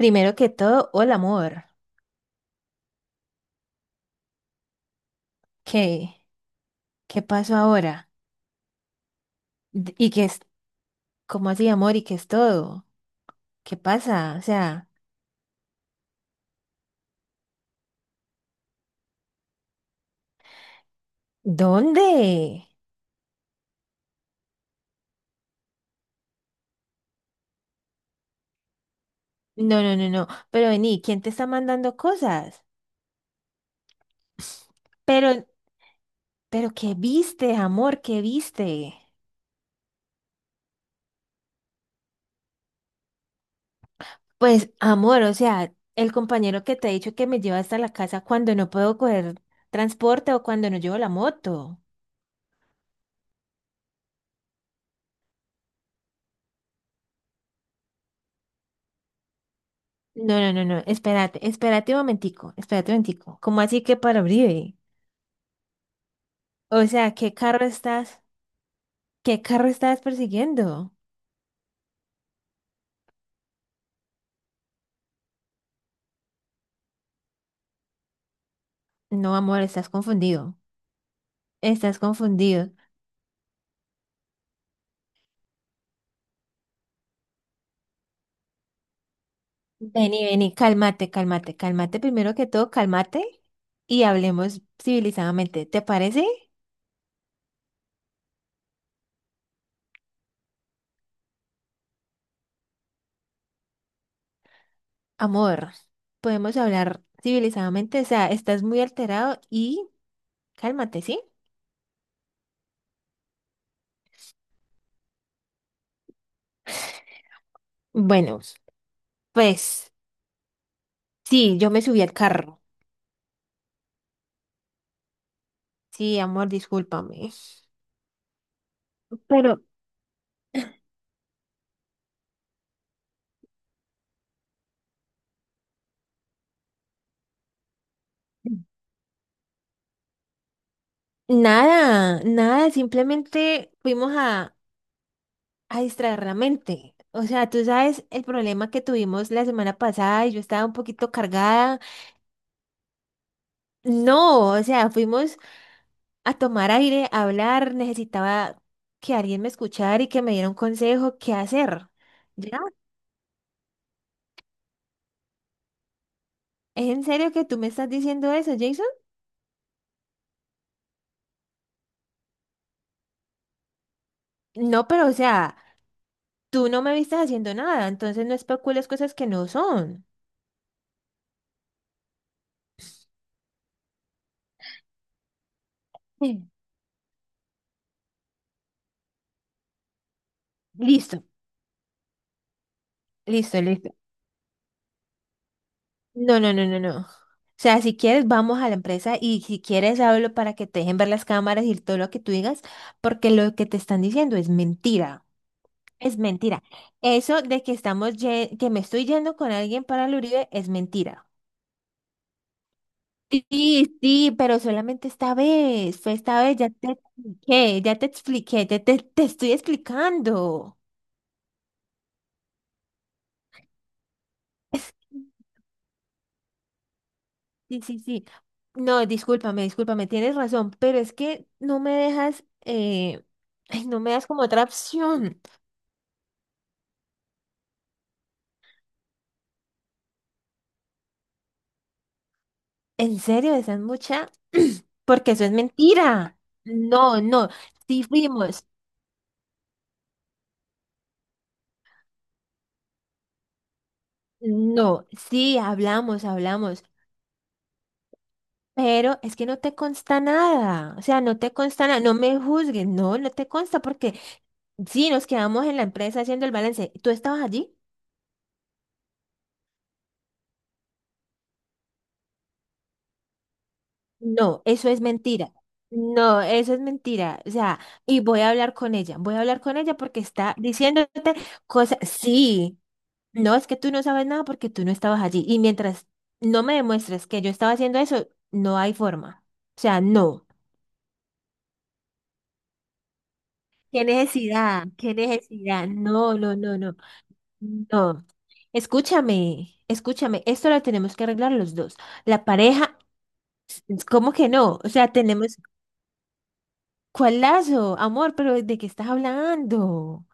Primero que todo, hola amor. ¿Qué? ¿Qué pasó ahora? D- ¿Y qué es? ¿Cómo así, amor? ¿Y qué es todo? ¿Qué pasa? O sea, ¿dónde? No. Pero vení, ¿quién te está mandando cosas? Pero, pero ¿qué viste, amor? ¿Qué viste? Pues, amor, o sea, el compañero que te ha dicho que me lleva hasta la casa cuando no puedo coger transporte o cuando no llevo la moto. No. Espérate un momentico, espérate un momentico. ¿Cómo así que para Uribe? O sea, ¿Qué carro estás persiguiendo? No, amor, estás confundido. Estás confundido. Vení, cálmate. Primero que todo, cálmate y hablemos civilizadamente. ¿Te parece? Amor, podemos hablar civilizadamente. O sea, estás muy alterado y cálmate, ¿sí? Bueno, pues sí, yo me subí al carro. Sí, amor, discúlpame. Pero nada simplemente fuimos a distraer la mente. O sea, tú sabes el problema que tuvimos la semana pasada y yo estaba un poquito cargada. No, o sea, fuimos a tomar aire, a hablar, necesitaba que alguien me escuchara y que me diera un consejo, qué hacer. ¿Ya? ¿Es en serio que tú me estás diciendo eso, Jason? No, pero o sea, tú no me viste haciendo nada, entonces no especules cosas que no son. Mm. Listo, listo. No. O sea, si quieres, vamos a la empresa y si quieres, hablo para que te dejen ver las cámaras y todo lo que tú digas, porque lo que te están diciendo es mentira. Es mentira. Eso de que estamos, que me estoy yendo con alguien para el Uribe es mentira. Sí, sí, pero solamente esta vez, fue esta vez, ya te expliqué, te estoy explicando. Sí. No, discúlpame, tienes razón, pero es que no me dejas, ay, no me das como otra opción. ¿En serio esa es mucha? Porque eso es mentira. No, no, sí fuimos, no, sí hablamos, pero es que no te consta nada, o sea, no te consta nada, no me juzgues, no, no te consta porque sí, nos quedamos en la empresa haciendo el balance. ¿Tú estabas allí? No, eso es mentira. No, eso es mentira. O sea, y voy a hablar con ella. Voy a hablar con ella porque está diciéndote cosas. Sí, no, es que tú no sabes nada porque tú no estabas allí. Y mientras no me demuestres que yo estaba haciendo eso, no hay forma. O sea, no. ¿Qué necesidad? ¿Qué necesidad? No. No. Escúchame. Esto lo tenemos que arreglar los dos. La pareja, ¿cómo que no? O sea, tenemos. ¿Cuál lazo? Amor, pero ¿de qué estás hablando?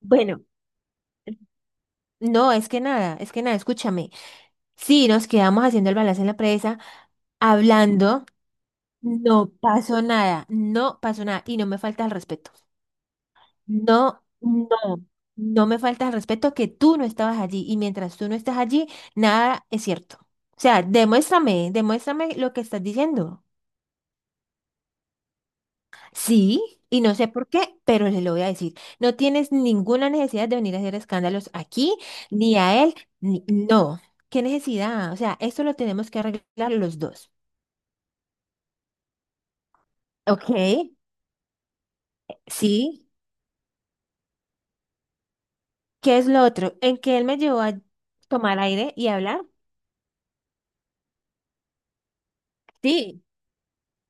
Bueno, no, es que nada, escúchame. Sí, nos quedamos haciendo el balance en la presa, hablando, no pasó nada, y no me falta el respeto. No, no me falta el respeto que tú no estabas allí, y mientras tú no estás allí, nada es cierto. O sea, demuéstrame lo que estás diciendo. Sí, y no sé por qué, pero le lo voy a decir. No tienes ninguna necesidad de venir a hacer escándalos aquí, ni a él, ni... No, ¿qué necesidad? O sea, esto lo tenemos que arreglar los dos. Ok, sí. ¿Qué es lo otro? En que él me llevó a tomar aire y hablar. Sí,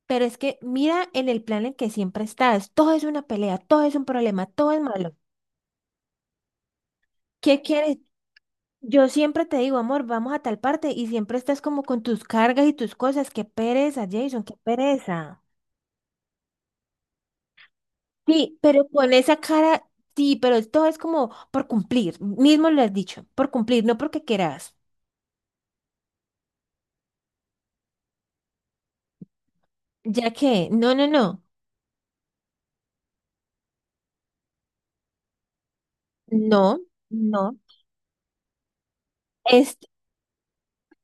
pero es que mira en el plan en que siempre estás. Todo es una pelea, todo es un problema, todo es malo. ¿Qué quieres? Yo siempre te digo, amor, vamos a tal parte y siempre estás como con tus cargas y tus cosas. Qué pereza, Jason, qué pereza. Sí, pero con esa cara, sí, pero todo es como por cumplir. Mismo lo has dicho, por cumplir, no porque quieras. Ya que, no, no, no, no, no. Es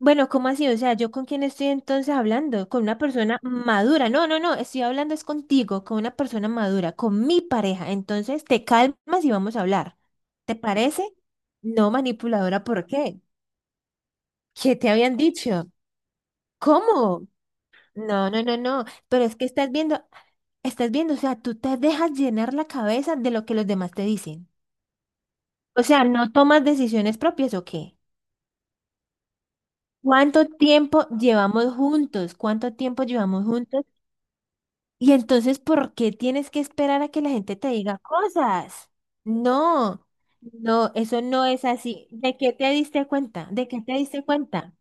Bueno, ¿cómo así? O sea, ¿yo con quién estoy entonces hablando? Con una persona madura. No, no, no, estoy hablando es contigo, con una persona madura, con mi pareja. Entonces, te calmas y vamos a hablar. ¿Te parece? No, manipuladora, ¿por qué? ¿Qué te habían dicho? ¿Cómo? No, no, no, no, pero es que estás viendo, o sea, tú te dejas llenar la cabeza de lo que los demás te dicen. O sea, ¿no tomas decisiones propias o qué? ¿Cuánto tiempo llevamos juntos? Y entonces, ¿por qué tienes que esperar a que la gente te diga cosas? No, no, eso no es así. ¿De qué te diste cuenta?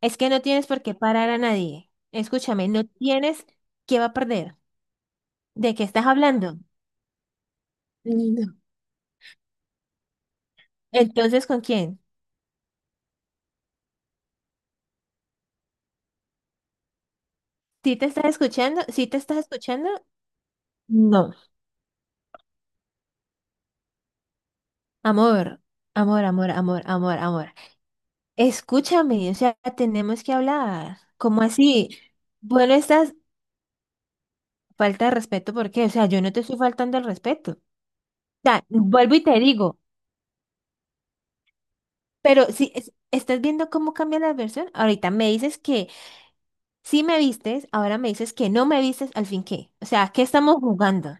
Es que no tienes por qué parar a nadie. Escúchame, no tienes qué va a perder. ¿De qué estás hablando? No. Entonces, ¿con quién? ¿Sí te estás escuchando? No. Amor, amor. Escúchame, o sea, tenemos que hablar. ¿Cómo así? Bueno, estás, Falta de respeto, ¿por qué? O sea, yo no te estoy faltando el respeto. O sea, vuelvo y te digo, pero si es- estás viendo cómo cambia la versión, ahorita me dices que sí me vistes, ahora me dices que no me vistes, al fin qué. O sea, ¿qué estamos jugando?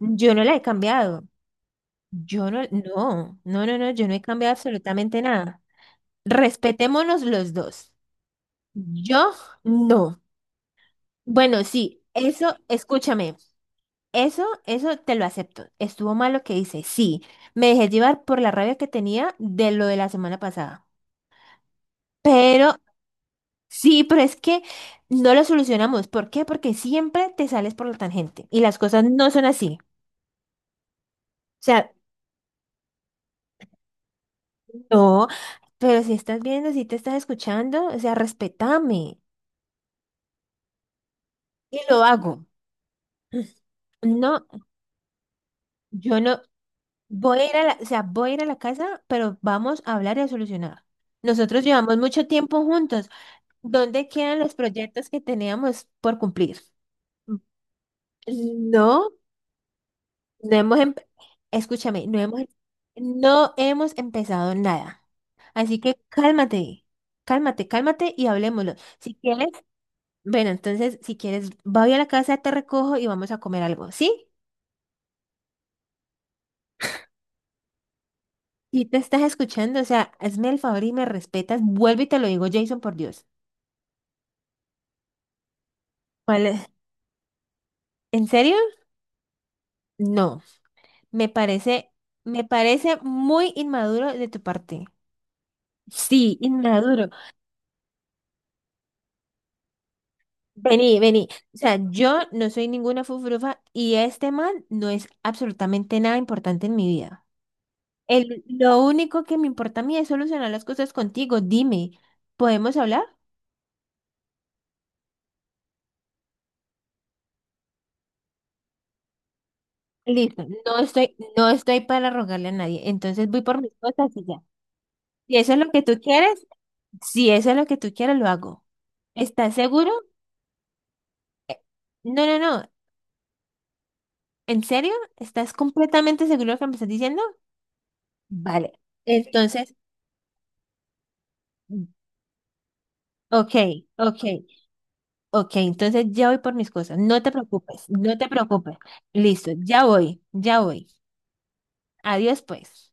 Yo no la he cambiado. Yo no, no, no, no, no, yo no he cambiado absolutamente nada. Respetémonos los dos. Yo no. Bueno, sí, eso, escúchame. Eso te lo acepto. Estuvo mal lo que hice, sí. Me dejé llevar por la rabia que tenía de lo de la semana pasada. Pero, sí, pero es que no lo solucionamos. ¿Por qué? Porque siempre te sales por la tangente y las cosas no son así. O sea, no, pero si estás viendo, si te estás escuchando, o sea, respétame. Y lo hago. No, yo no voy a ir a la, o sea, voy a ir a la casa, pero vamos a hablar y a solucionar. Nosotros llevamos mucho tiempo juntos. ¿Dónde quedan los proyectos que teníamos por cumplir? No, no hemos, em- escúchame, no hemos empezado nada. Así que cálmate y hablemoslo. Si quieres, si quieres, voy a la casa, te recojo y vamos a comer algo, ¿sí? Si te estás escuchando, o sea, hazme el favor y me respetas, vuelve y te lo digo, Jason, por Dios. ¿Cuál es? ¿En serio? No, me parece, me parece muy inmaduro de tu parte. Sí, inmaduro. Vení. O sea, yo no soy ninguna fufurufa y este man no es absolutamente nada importante en mi vida. Lo único que me importa a mí es solucionar las cosas contigo. Dime, ¿podemos hablar? Listo, no estoy para rogarle a nadie. Entonces voy por mis cosas y ya. Si eso es lo que tú quieres, si eso es lo que tú quieres, lo hago. ¿Estás seguro? Eh, no. ¿En serio? ¿Estás completamente seguro de lo que me estás diciendo? Vale. Entonces. Ok, ok, ok. Entonces ya voy por mis cosas. No te preocupes. Listo, ya voy. Adiós, pues.